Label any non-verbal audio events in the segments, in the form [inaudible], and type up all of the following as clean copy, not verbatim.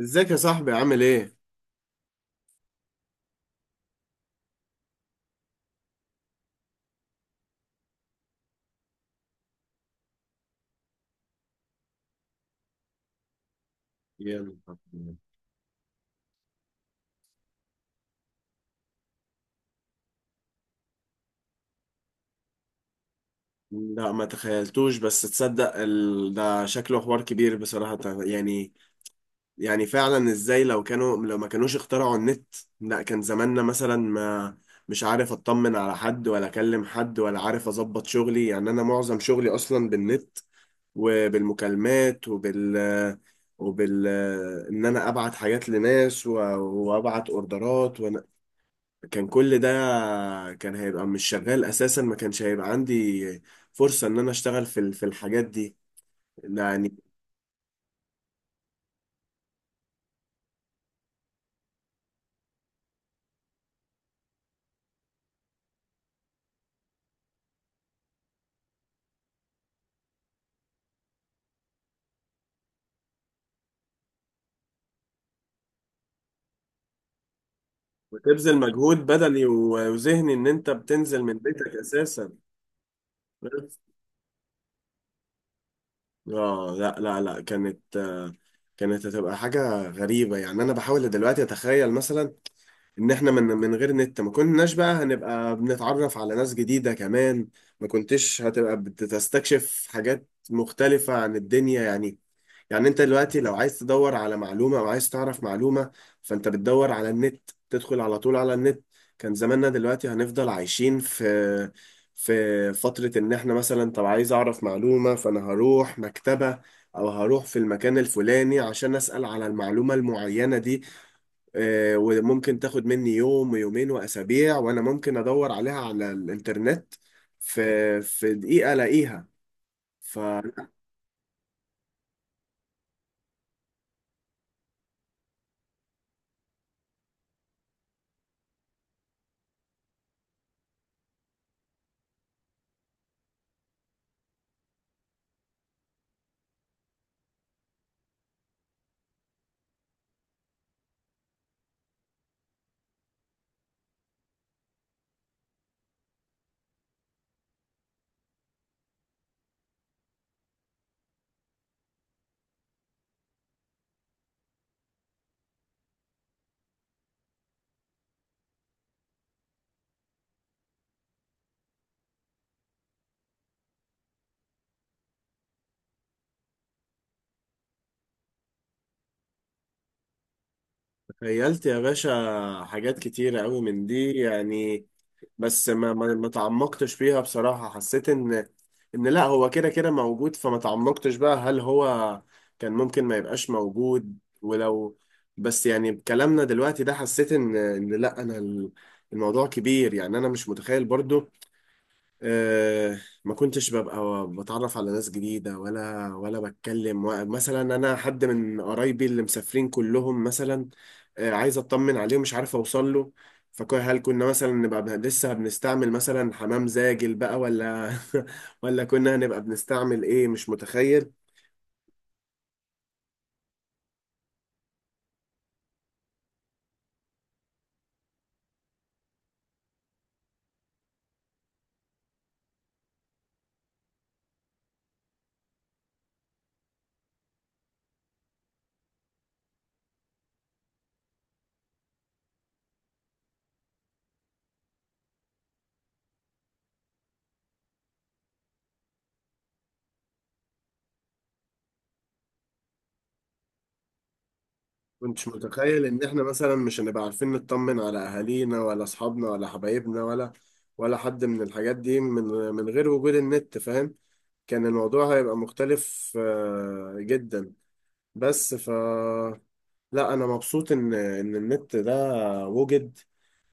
ازيك يا صاحبي عامل ايه؟ يلا، لا ما تخيلتوش، بس تصدق ده شكله حوار كبير بصراحة. يعني فعلا ازاي لو كانوا، لو ما كانوش اخترعوا النت، لا كان زماننا مثلا ما، مش عارف اطمن على حد ولا اكلم حد ولا عارف اظبط شغلي. يعني انا معظم شغلي اصلا بالنت وبالمكالمات وبال ان انا ابعت حاجات لناس وابعت اوردرات. كان كل ده كان هيبقى مش شغال اساسا، ما كانش هيبقى عندي فرصة ان انا اشتغل في الحاجات دي يعني. بتبذل مجهود بدني وذهني ان انت بتنزل من بيتك اساسا بس. اه، لا لا لا، كانت كانت هتبقى حاجة غريبة. يعني انا بحاول دلوقتي اتخيل مثلا ان احنا من غير نت ما كناش بقى هنبقى بنتعرف على ناس جديدة كمان، ما كنتش هتبقى بتستكشف حاجات مختلفة عن الدنيا يعني. يعني انت دلوقتي لو عايز تدور على معلومة او عايز تعرف معلومة، فانت بتدور على النت، تدخل على طول على النت. كان زماننا دلوقتي هنفضل عايشين في، في فترة ان احنا مثلا، طب عايز اعرف معلومة، فانا هروح مكتبة او هروح في المكان الفلاني عشان اسأل على المعلومة المعينة دي. اه، وممكن تاخد مني يوم ويومين واسابيع، وانا ممكن ادور عليها على الانترنت في، في دقيقة الاقيها. خيلت يا باشا حاجات كتيرة قوي من دي يعني، بس ما تعمقتش فيها بصراحة. حسيت ان، ان لا هو كده كده موجود، فما تعمقتش بقى. هل هو كان ممكن ما يبقاش موجود ولو؟ بس يعني بكلامنا دلوقتي ده حسيت ان، ان لا، انا الموضوع كبير، يعني انا مش متخيل برضو. أه، ما كنتش ببقى بتعرف على ناس جديدة ولا، ولا بتكلم مثلا، أنا حد من قرايبي اللي مسافرين كلهم مثلا، أه عايز أطمن عليه ومش عارف أوصل له. فهل كنا مثلا نبقى لسه بنستعمل مثلا حمام زاجل بقى، ولا [laughs] ولا كنا هنبقى بنستعمل إيه؟ مش متخيل. كنتش متخيل إن إحنا مثلا مش هنبقى عارفين نطمن على أهالينا ولا أصحابنا ولا حبايبنا، ولا ولا حد من الحاجات دي، من من غير وجود النت فاهم. كان الموضوع هيبقى مختلف جدا. بس، لا انا مبسوط ان ان النت ده وجد،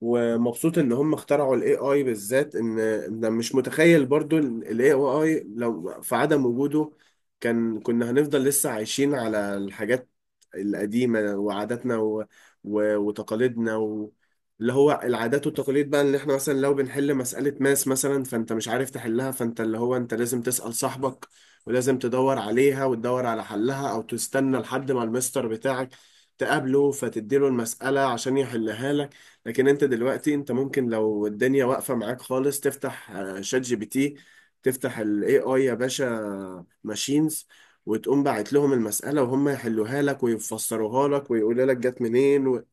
ومبسوط ان هم اخترعوا الاي اي بالذات. ان إن مش متخيل برضو الاي اي لو في عدم وجوده، كان كنا هنفضل لسه عايشين على الحاجات القديمة وعاداتنا وتقاليدنا اللي هو العادات والتقاليد بقى. اللي احنا مثلا لو بنحل مسألة ماس مثلا، فانت مش عارف تحلها، فانت اللي هو انت لازم تسأل صاحبك ولازم تدور عليها وتدور على حلها، او تستنى لحد ما المستر بتاعك تقابله فتديله المسألة عشان يحلها لك. لكن انت دلوقتي، انت ممكن لو الدنيا واقفة معاك خالص، تفتح شات جي بي تي، تفتح الاي اي يا باشا ماشينز، وتقوم باعت لهم المسألة وهم يحلوها لك ويفسروها لك ويقولوا لك جت منين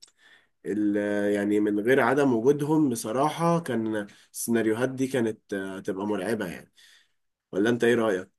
ال... يعني من غير عدم وجودهم بصراحة، كان السيناريوهات دي كانت تبقى مرعبة يعني. ولا انت ايه رأيك؟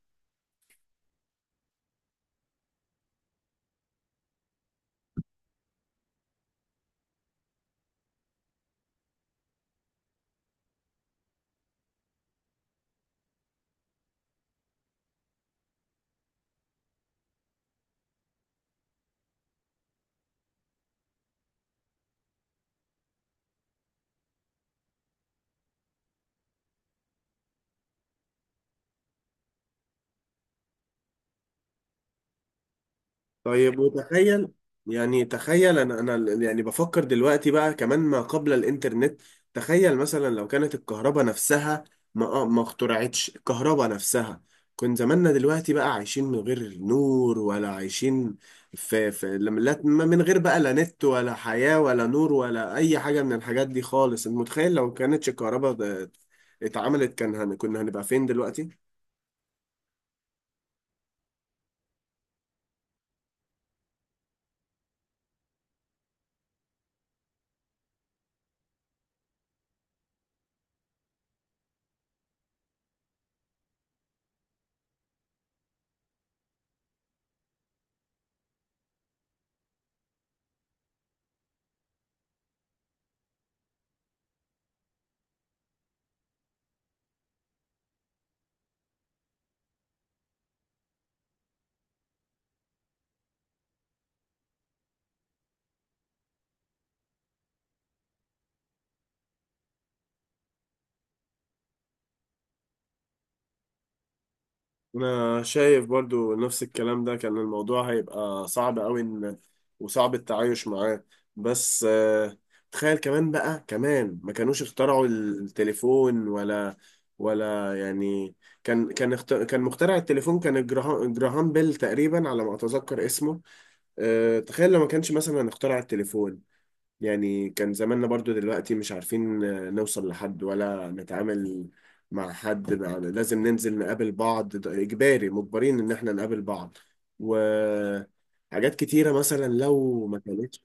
طيب وتخيل، يعني تخيل انا يعني بفكر دلوقتي بقى كمان ما قبل الانترنت. تخيل مثلا لو كانت الكهرباء نفسها ما ما اخترعتش الكهرباء نفسها، كان زماننا دلوقتي بقى عايشين من غير نور، ولا عايشين في، من غير بقى لا نت ولا حياة ولا نور ولا اي حاجة من الحاجات دي خالص. انت متخيل لو كانتش الكهرباء اتعملت، كان كنا هنبقى فين دلوقتي؟ انا شايف برضو نفس الكلام ده. كان الموضوع هيبقى صعب قوي، ان وصعب التعايش معاه. بس تخيل كمان بقى، كمان ما كانوش اخترعوا التليفون، ولا ولا يعني، كان مخترع التليفون كان جراهام، جراهام بيل تقريبا على ما اتذكر اسمه. تخيل لو ما كانش مثلا اخترع التليفون، يعني كان زماننا برضو دلوقتي مش عارفين نوصل لحد ولا نتعامل مع حد، لازم ننزل نقابل بعض، ده إجباري مجبرين إن إحنا نقابل بعض. وحاجات كتيرة مثلا لو ما كانتش.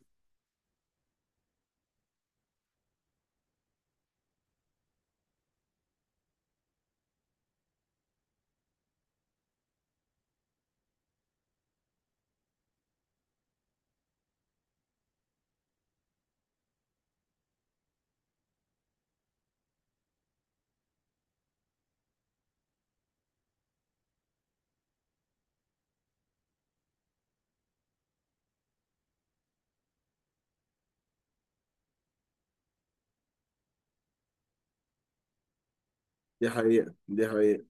دي حقيقة دي حقيقة.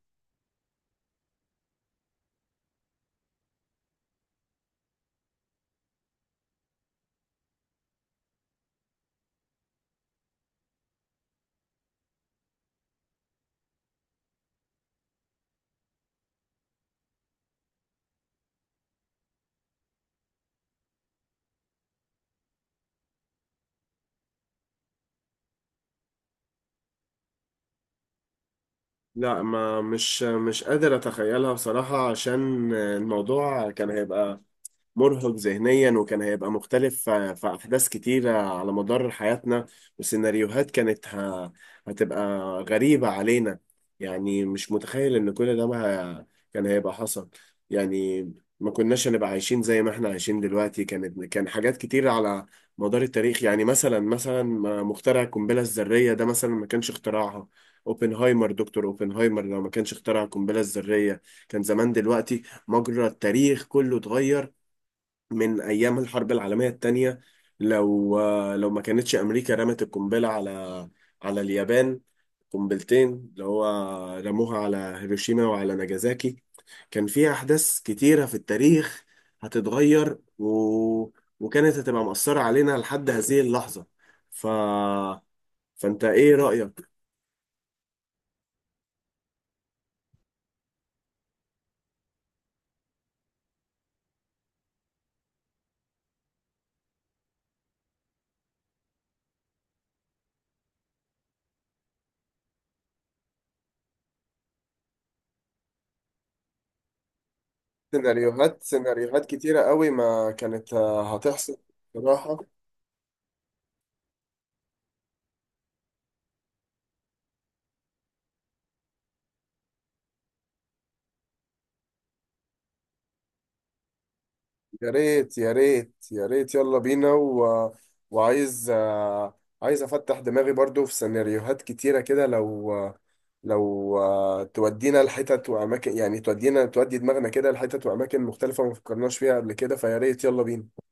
لا، ما مش قادر أتخيلها بصراحة، عشان الموضوع كان هيبقى مرهق ذهنيا، وكان هيبقى مختلف في، في أحداث كتيرة على مدار حياتنا، وسيناريوهات كانت هتبقى غريبة علينا. يعني مش متخيل إن كل ده ما كان هيبقى حصل يعني. ما كناش هنبقى عايشين زي ما احنا عايشين دلوقتي. كانت كان حاجات كتيرة على مدار التاريخ، يعني مثلا مخترع القنبلة الذرية ده مثلا، ما كانش اختراعها. اوبنهايمر، دكتور اوبنهايمر، لو ما كانش اخترع القنبلة الذرية، كان زمان دلوقتي مجرى التاريخ كله اتغير من ايام الحرب العالميه الثانيه. لو، لو ما كانتش امريكا رمت القنبله على، على اليابان، قنبلتين اللي هو رموها على هيروشيما وعلى ناجازاكي، كان فيها احداث كتيره في التاريخ هتتغير وكانت هتبقى مؤثره علينا لحد هذه اللحظه. ف فانت ايه رايك؟ سيناريوهات، سيناريوهات كتيرة قوي ما كانت هتحصل بصراحة. يا ريت يا ريت يا ريت، يلا بينا وعايز عايز افتح دماغي برضو في سيناريوهات كتيرة كده، لو لو تودينا لحتت واماكن، يعني تودي دماغنا كده لحتت واماكن مختلفة ما فكرناش فيها قبل كده. فيا ريت يلا بينا.